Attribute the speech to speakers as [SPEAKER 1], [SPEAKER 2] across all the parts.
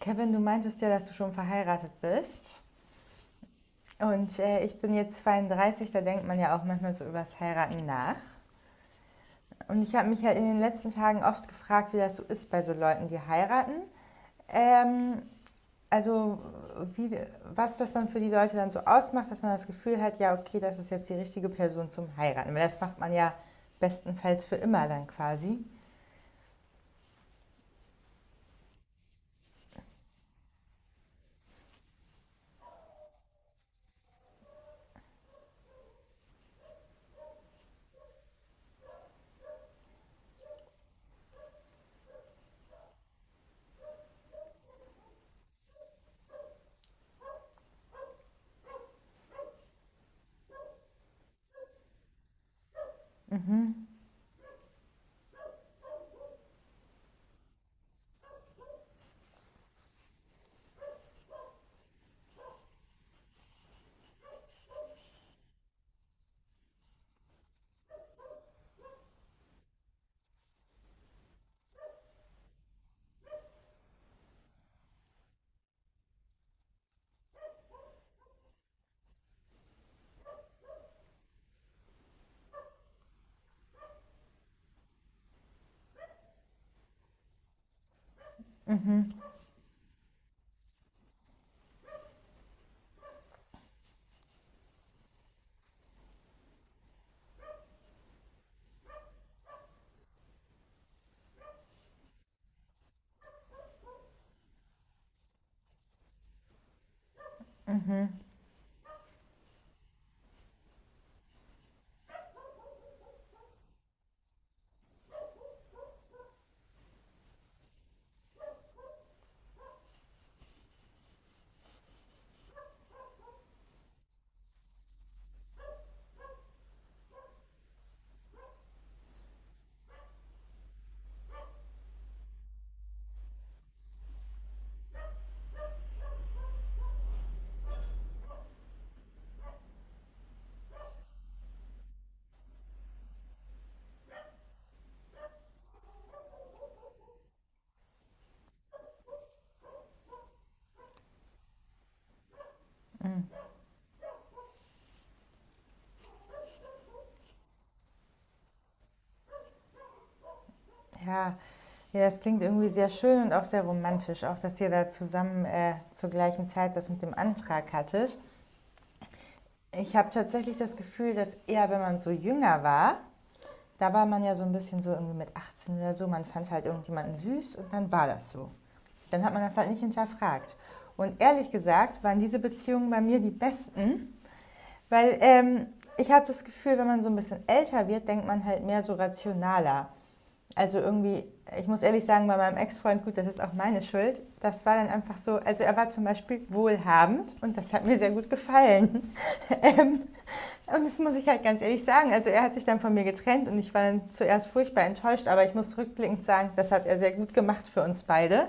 [SPEAKER 1] Kevin, du meintest ja, dass du schon verheiratet bist. Und ich bin jetzt 32, da denkt man ja auch manchmal so übers Heiraten nach. Und ich habe mich ja in den letzten Tagen oft gefragt, wie das so ist bei so Leuten, die heiraten. Ähm, also wie, was das dann für die Leute dann so ausmacht, dass man das Gefühl hat, ja, okay, das ist jetzt die richtige Person zum Heiraten. Weil das macht man ja bestenfalls für immer dann quasi. Ja, ja, das klingt irgendwie sehr schön und auch sehr romantisch, auch dass ihr da zusammen zur gleichen Zeit das mit dem Antrag hattet. Ich habe tatsächlich das Gefühl, dass eher, wenn man so jünger war, da war man ja so ein bisschen so irgendwie mit 18 oder so, man fand halt irgendjemanden süß und dann war das so. Dann hat man das halt nicht hinterfragt. Und ehrlich gesagt waren diese Beziehungen bei mir die besten, weil ich habe das Gefühl, wenn man so ein bisschen älter wird, denkt man halt mehr so rationaler. Also irgendwie, ich muss ehrlich sagen, bei meinem Ex-Freund, gut, das ist auch meine Schuld. Das war dann einfach so, also er war zum Beispiel wohlhabend und das hat mir sehr gut gefallen. ähm, und das muss ich halt ganz ehrlich sagen. Also er hat sich dann von mir getrennt und ich war dann zuerst furchtbar enttäuscht, aber ich muss rückblickend sagen, das hat er sehr gut gemacht für uns beide,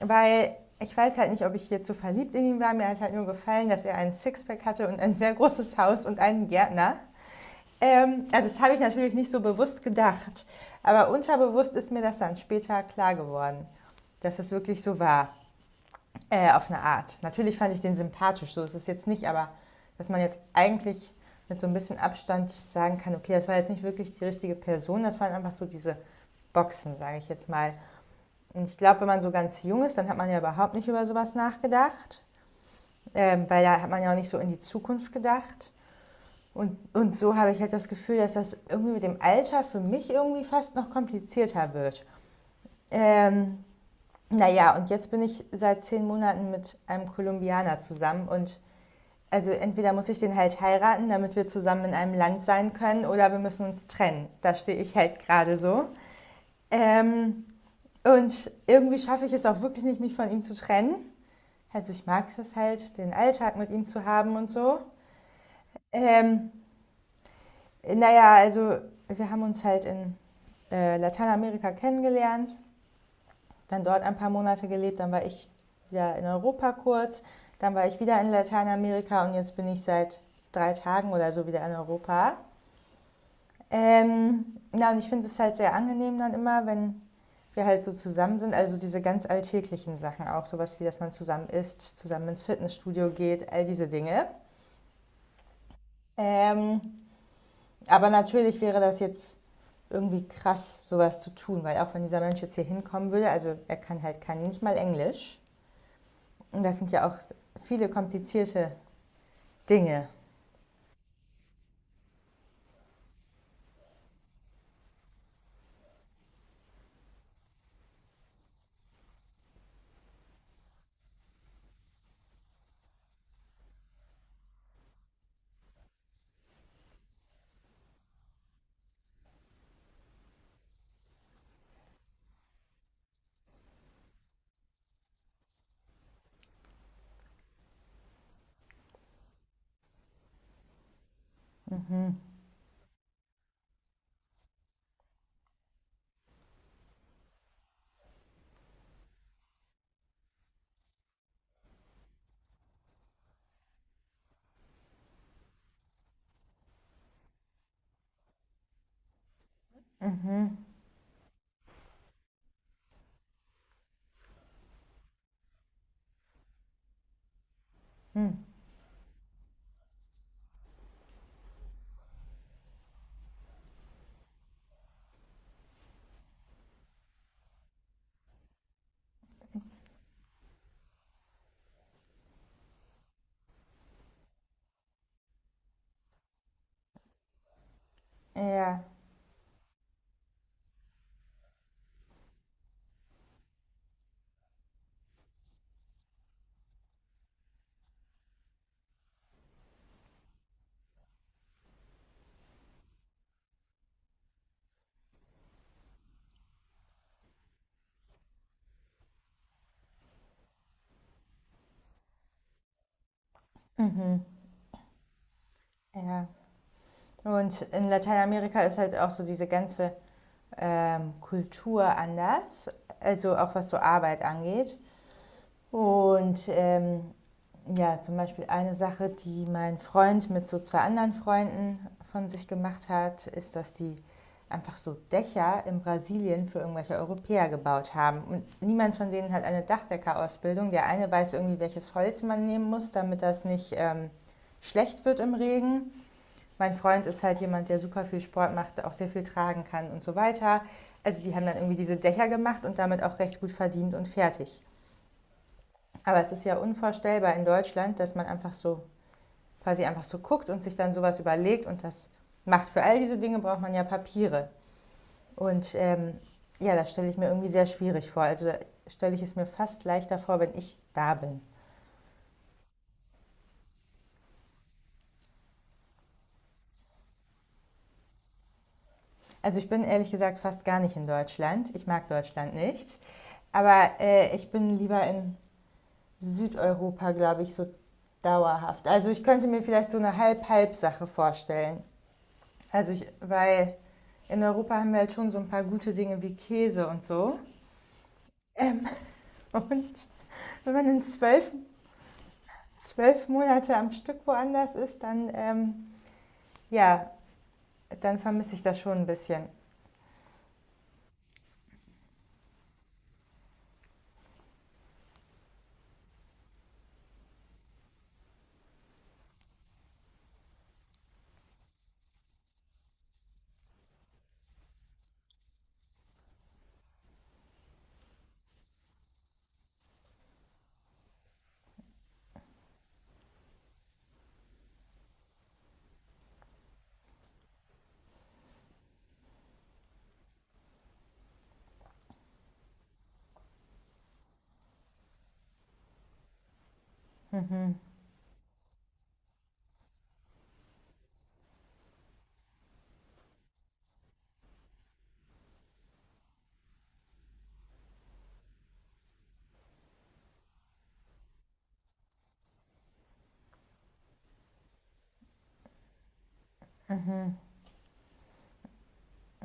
[SPEAKER 1] weil ich weiß halt nicht, ob ich hier zu verliebt in ihn war. Mir hat halt nur gefallen, dass er einen Sixpack hatte und ein sehr großes Haus und einen Gärtner. Also das habe ich natürlich nicht so bewusst gedacht, aber unterbewusst ist mir das dann später klar geworden, dass das wirklich so war, auf eine Art. Natürlich fand ich den sympathisch, so ist es jetzt nicht, aber dass man jetzt eigentlich mit so ein bisschen Abstand sagen kann, okay, das war jetzt nicht wirklich die richtige Person, das waren einfach so diese Boxen, sage ich jetzt mal. Und ich glaube, wenn man so ganz jung ist, dann hat man ja überhaupt nicht über sowas nachgedacht, weil da hat man ja auch nicht so in die Zukunft gedacht. Und so habe ich halt das Gefühl, dass das irgendwie mit dem Alter für mich irgendwie fast noch komplizierter wird. Ähm, naja, und jetzt bin ich seit 10 Monaten mit einem Kolumbianer zusammen und also entweder muss ich den halt heiraten, damit wir zusammen in einem Land sein können, oder wir müssen uns trennen. Da stehe ich halt gerade so. Ähm, und irgendwie schaffe ich es auch wirklich nicht, mich von ihm zu trennen. Also ich mag es halt, den Alltag mit ihm zu haben und so. Ähm, Naja, also wir haben uns halt in Lateinamerika kennengelernt, dann dort ein paar Monate gelebt, dann war ich wieder in Europa kurz, dann war ich wieder in Lateinamerika und jetzt bin ich seit 3 Tagen oder so wieder in Europa. Na, und ich finde es halt sehr angenehm dann immer, wenn wir halt so zusammen sind, also diese ganz alltäglichen Sachen auch, sowas wie, dass man zusammen isst, zusammen ins Fitnessstudio geht, all diese Dinge. Ähm, aber natürlich wäre das jetzt irgendwie krass, sowas zu tun, weil auch wenn dieser Mensch jetzt hier hinkommen würde, also er kann halt kann nicht mal Englisch. Und das sind ja auch viele komplizierte Dinge. Mhm. Mhm. Mhm. Ja. Mhm. Ja. Und in Lateinamerika ist halt auch so diese ganze Kultur anders, also auch was so Arbeit angeht. Und ja, zum Beispiel eine Sache, die mein Freund mit so zwei anderen Freunden von sich gemacht hat, ist, dass die einfach so Dächer in Brasilien für irgendwelche Europäer gebaut haben. Und niemand von denen hat eine Dachdeckerausbildung. Der eine weiß irgendwie, welches Holz man nehmen muss, damit das nicht schlecht wird im Regen. Mein Freund ist halt jemand, der super viel Sport macht, auch sehr viel tragen kann und so weiter. Also die haben dann irgendwie diese Dächer gemacht und damit auch recht gut verdient und fertig. Aber es ist ja unvorstellbar in Deutschland, dass man einfach so quasi einfach so guckt und sich dann sowas überlegt und das macht. Für all diese Dinge braucht man ja Papiere. Und ja, das stelle ich mir irgendwie sehr schwierig vor. Also stelle ich es mir fast leichter vor, wenn ich da bin. Also ich bin ehrlich gesagt fast gar nicht in Deutschland. Ich mag Deutschland nicht. Aber ich bin lieber in Südeuropa, glaube ich, so dauerhaft. Also ich könnte mir vielleicht so eine Halb-Halb-Sache vorstellen. Also ich, weil in Europa haben wir halt schon so ein paar gute Dinge wie Käse und so. Und wenn man in 12 Monate am Stück woanders ist, dann, ja, dann vermisse ich das schon ein bisschen. Mhm.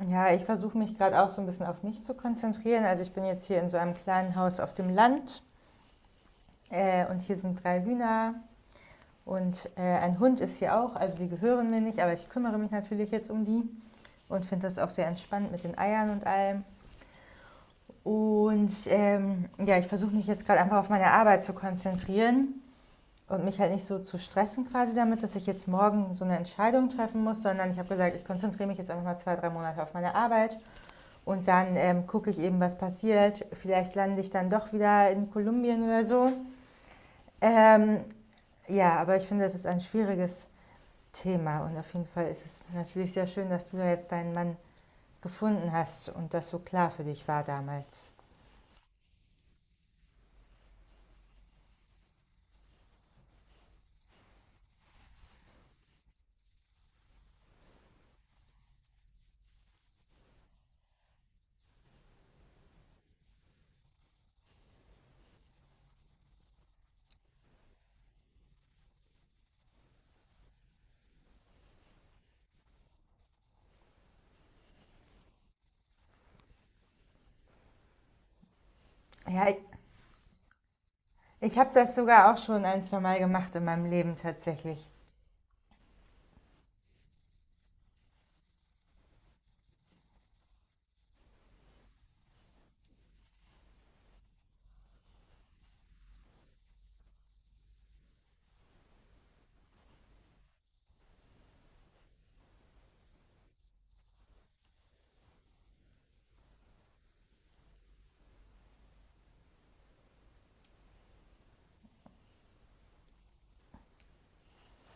[SPEAKER 1] Ja, ich versuche mich gerade auch so ein bisschen auf mich zu konzentrieren. Also ich bin jetzt hier in so einem kleinen Haus auf dem Land und hier sind drei Hühner und ein Hund ist hier auch. Also die gehören mir nicht, aber ich kümmere mich natürlich jetzt um die und finde das auch sehr entspannt mit den Eiern und allem. Und ja, ich versuche mich jetzt gerade einfach auf meine Arbeit zu konzentrieren und mich halt nicht so zu stressen quasi damit, dass ich jetzt morgen so eine Entscheidung treffen muss, sondern ich habe gesagt, ich konzentriere mich jetzt einfach mal 2, 3 Monate auf meine Arbeit und dann gucke ich eben, was passiert. Vielleicht lande ich dann doch wieder in Kolumbien oder so. Ähm, ja, aber ich finde, das ist ein schwieriges Thema und auf jeden Fall ist es natürlich sehr schön, dass du da jetzt deinen Mann gefunden hast und das so klar für dich war damals. Ja, ich, Ich habe das sogar auch schon ein, zwei Mal gemacht in meinem Leben tatsächlich.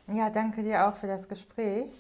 [SPEAKER 1] Ja, danke dir auch für das Gespräch.